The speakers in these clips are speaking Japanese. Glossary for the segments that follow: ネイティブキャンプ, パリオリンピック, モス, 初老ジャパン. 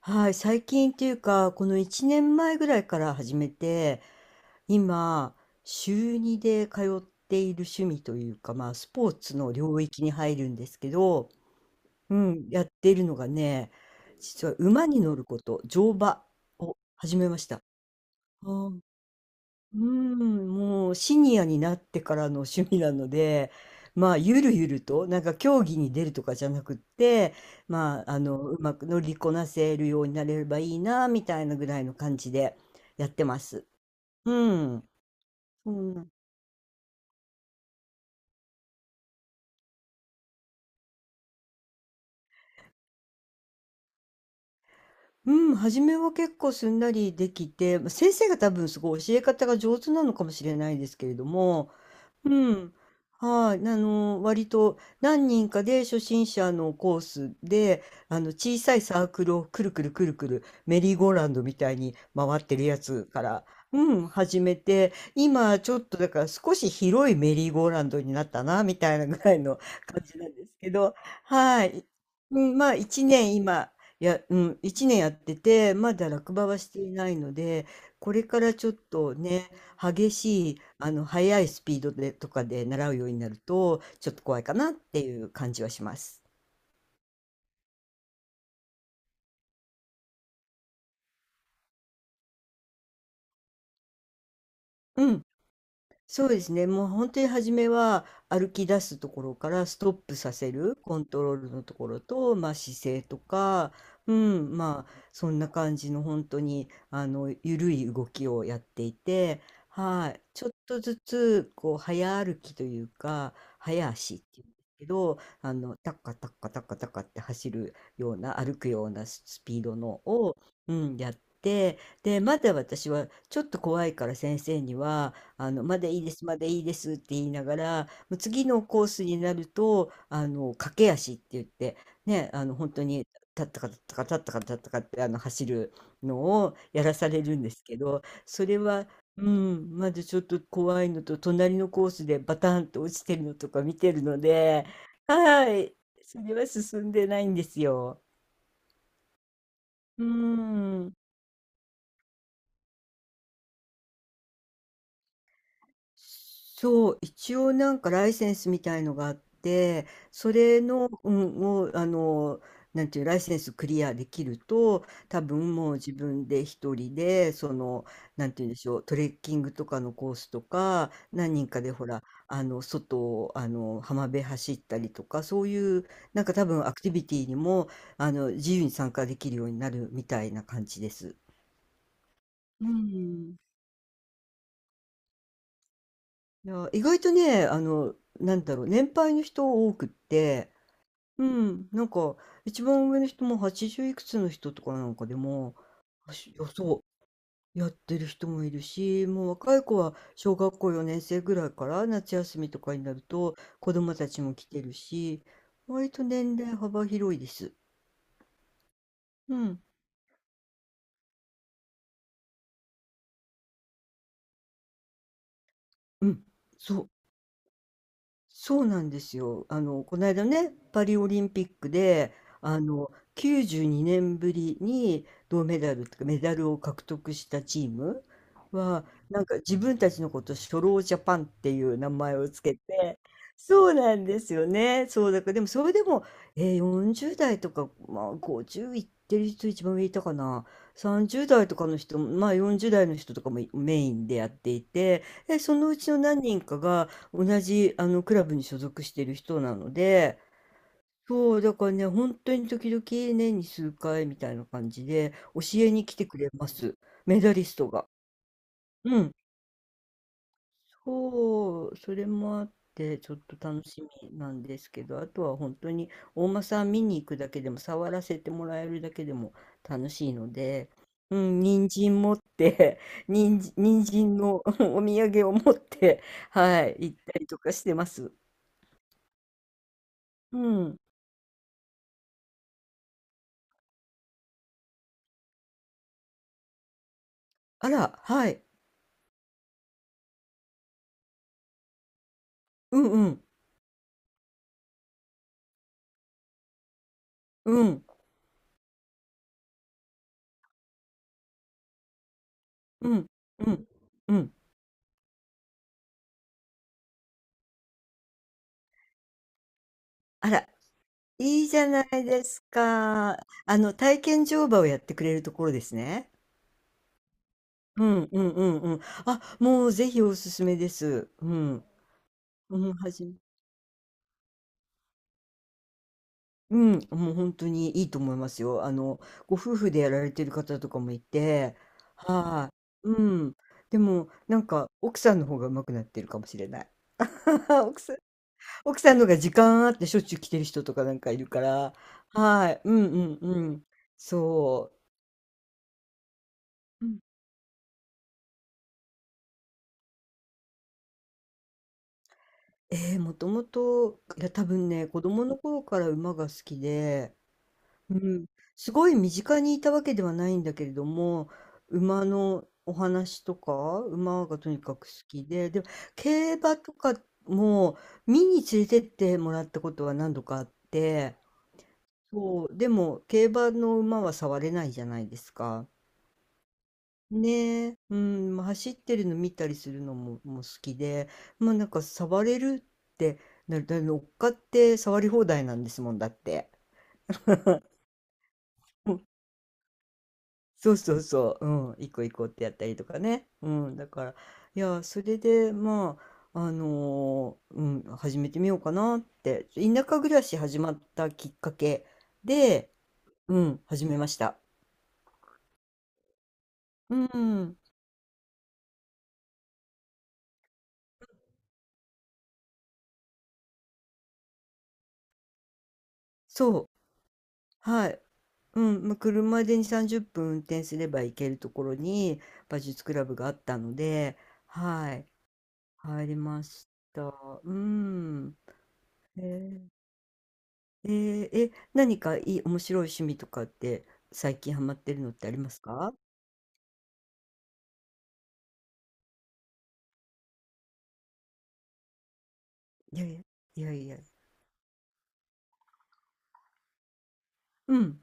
はい、最近っていうか、この1年前ぐらいから始めて、今、週2で通っている趣味というか、まあ、スポーツの領域に入るんですけど、うん、やっているのがね、実は馬に乗ること、乗馬を始めました。うーん、もうシニアになってからの趣味なので、まあ、ゆるゆると、なんか競技に出るとかじゃなくって、まあ、うまく乗りこなせるようになれればいいな、みたいなぐらいの感じでやってます。うん。そんなうん、初めは結構すんなりできて、まあ先生が多分すごい教え方が上手なのかもしれないですけれども、うん。はい。割と何人かで初心者のコースで、小さいサークルをくるくるくるくる、メリーゴーラウンドみたいに回ってるやつから、うん、始めて、今ちょっとだから少し広いメリーゴーラウンドになったな、みたいなぐらいの感じなんですけど、はい。うん、まあ、一年やってて、まだ落馬はしていないので、これからちょっとね、激しい、速いスピードでとかで習うようになると、ちょっと怖いかなっていう感じはします。うん。そうですね。もう本当に初めは歩き出すところからストップさせるコントロールのところと、まあ、姿勢とか、うん、まあそんな感じの本当に緩い動きをやっていて、はい、ちょっとずつこう早歩きというか早足っていうんですけど、タッカタッカタッカタッカって走るような歩くようなスピードのを、うん、やって、でまだ私はちょっと怖いから先生には。まだいいです、まだいいですって言いながら、もう次のコースになると、駆け足って言って、ね、本当に、立ったか立ったか立ったか立ったかって、走るのをやらされるんですけど、それは、うん、まずちょっと怖いのと、隣のコースでバタンと落ちてるのとか見てるので、はい、それは進んでないんですよ。うん。そう、一応なんかライセンスみたいのがあって、それの、うん、もう、なんていう、ライセンスクリアできると、多分もう自分で一人で、なんていうんでしょう、トレッキングとかのコースとか、何人かでほら、外を、浜辺走ったりとか、そういう、なんか多分アクティビティにも、自由に参加できるようになるみたいな感じです。うん。いや、意外とね、なんだろう、年配の人多くって、うん、なんか、一番上の人も80いくつの人とかなんかでも、予しあ、そう、やってる人もいるし、もう若い子は小学校4年生ぐらいから夏休みとかになると子供たちも来てるし、割と年齢幅広いです。うん、うん、そう。そうなんですよ。こないだね、パリオリンピックで、92年ぶりに銅メダルとかメダルを獲得したチームは、なんか自分たちのこと初老ジャパンっていう名前をつけて、そうなんですよね。そうだから、でもそれでも、40代とか、まあ50いってる人一番上いたかな。30代とかの人、まあ40代の人とかもメインでやっていて、で、そのうちの何人かが、同じあのクラブに所属している人なので、そう、だからね、本当に時々年に数回みたいな感じで教えに来てくれます。メダリストが。うん。そう、それもあってちょっと楽しみなんですけど、あとは本当にお馬さん見に行くだけでも、触らせてもらえるだけでも楽しいので、うん、人参持って、人参人参の お土産を持って、はい、行ったりとかしてます。うん。あら、はい。うんうん。うん。うん。うん。うん。あら、いいじゃないですか。体験乗馬をやってくれるところですね。うんうんうんうん。あ、もうぜひおすすめです。うん。うん、もう本当にいいと思いますよ。ご夫婦でやられてる方とかもいて、はい。うん。でも、なんか、奥さんの方が上手くなってるかもしれない。奥さん奥さんのが時間あってしょっちゅう来てる人とかなんかいるから、はい、うんうんうん。そううん。ええ、もともと、いや多分ね、子供の頃から馬が好きで、うん、すごい身近にいたわけではないんだけれども、馬のお話とか、馬がとにかく好きで、でも競馬とかも見に連れてってもらったことは何度かあって、そう、でも競馬の馬は触れないじゃないですか。ねえ、うん、まあ、走ってるの見たりするのも、もう好きで、まあなんか触れるってだ乗っかって触り放題なんですもんだって。うんそうそうそう、うん、行こう行こうってやったりとかね。うん、だから、いや、それで、まあ、始めてみようかなって、田舎暮らし始まったきっかけで、うん、始めました。うん、そう。はい。うん、まあ、車でに30分運転すれば行けるところに、馬術クラブがあったので、はい、入りました。うん。へえー。ええ、何かいい面白い趣味とかって、最近ハマってるのってありますか？いやいや、いやいや。うん。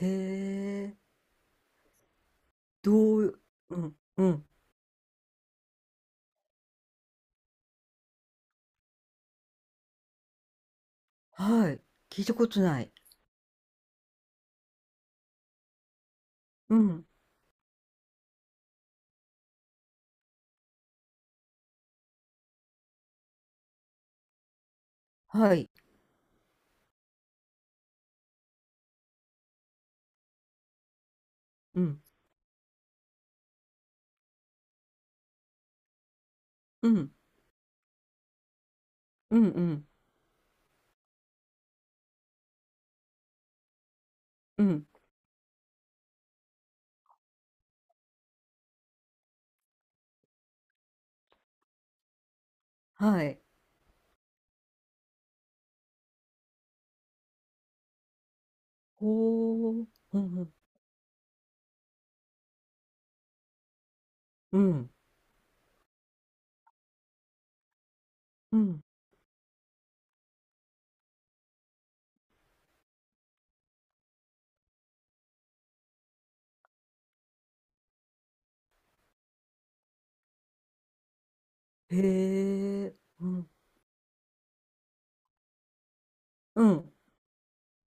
へえ。どううん、うん、はい。聞いたことない。うん、はい。うん、うん、うんうん、うん、はい。ほお。うんうん。うん、うん。へえ、うん、うん、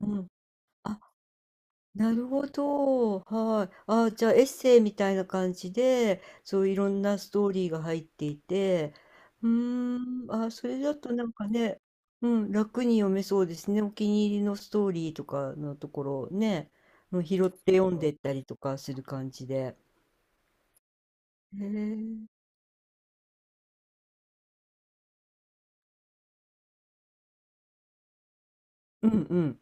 うん。あ、なるほど、はい。あ、じゃあエッセイみたいな感じで、そういろんなストーリーが入っていて、うーん、あ、それだとなんかね、うん、楽に読めそうですね。お気に入りのストーリーとかのところをね、うん、拾って読んでったりとかする感じで。へえ、うんうん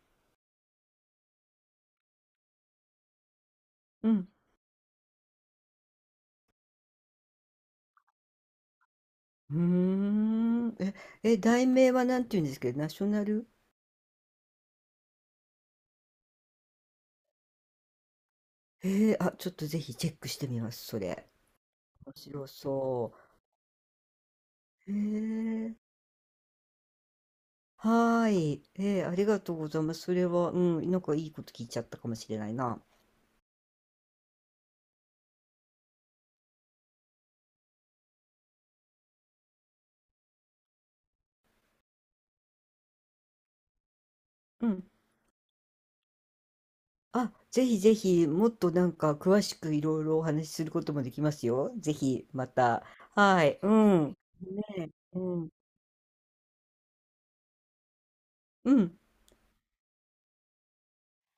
うん。うーん。え、え、題名はなんて言うんですけど、ナショナル。へえ、あ、ちょっとぜひチェックしてみます、それ。面白そう。へえ、はーい。ええ、ありがとうございます。それは、うん、なんかいいこと聞いちゃったかもしれないな。うん。あ、ぜひぜひ、もっとなんか詳しくいろいろお話しすることもできますよ。ぜひ、また。はい。うん。ねえ、うん。うん。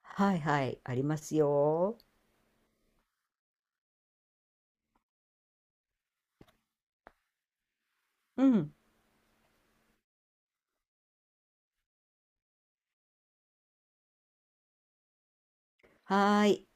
はいはい。ありますよ。うん。はーい。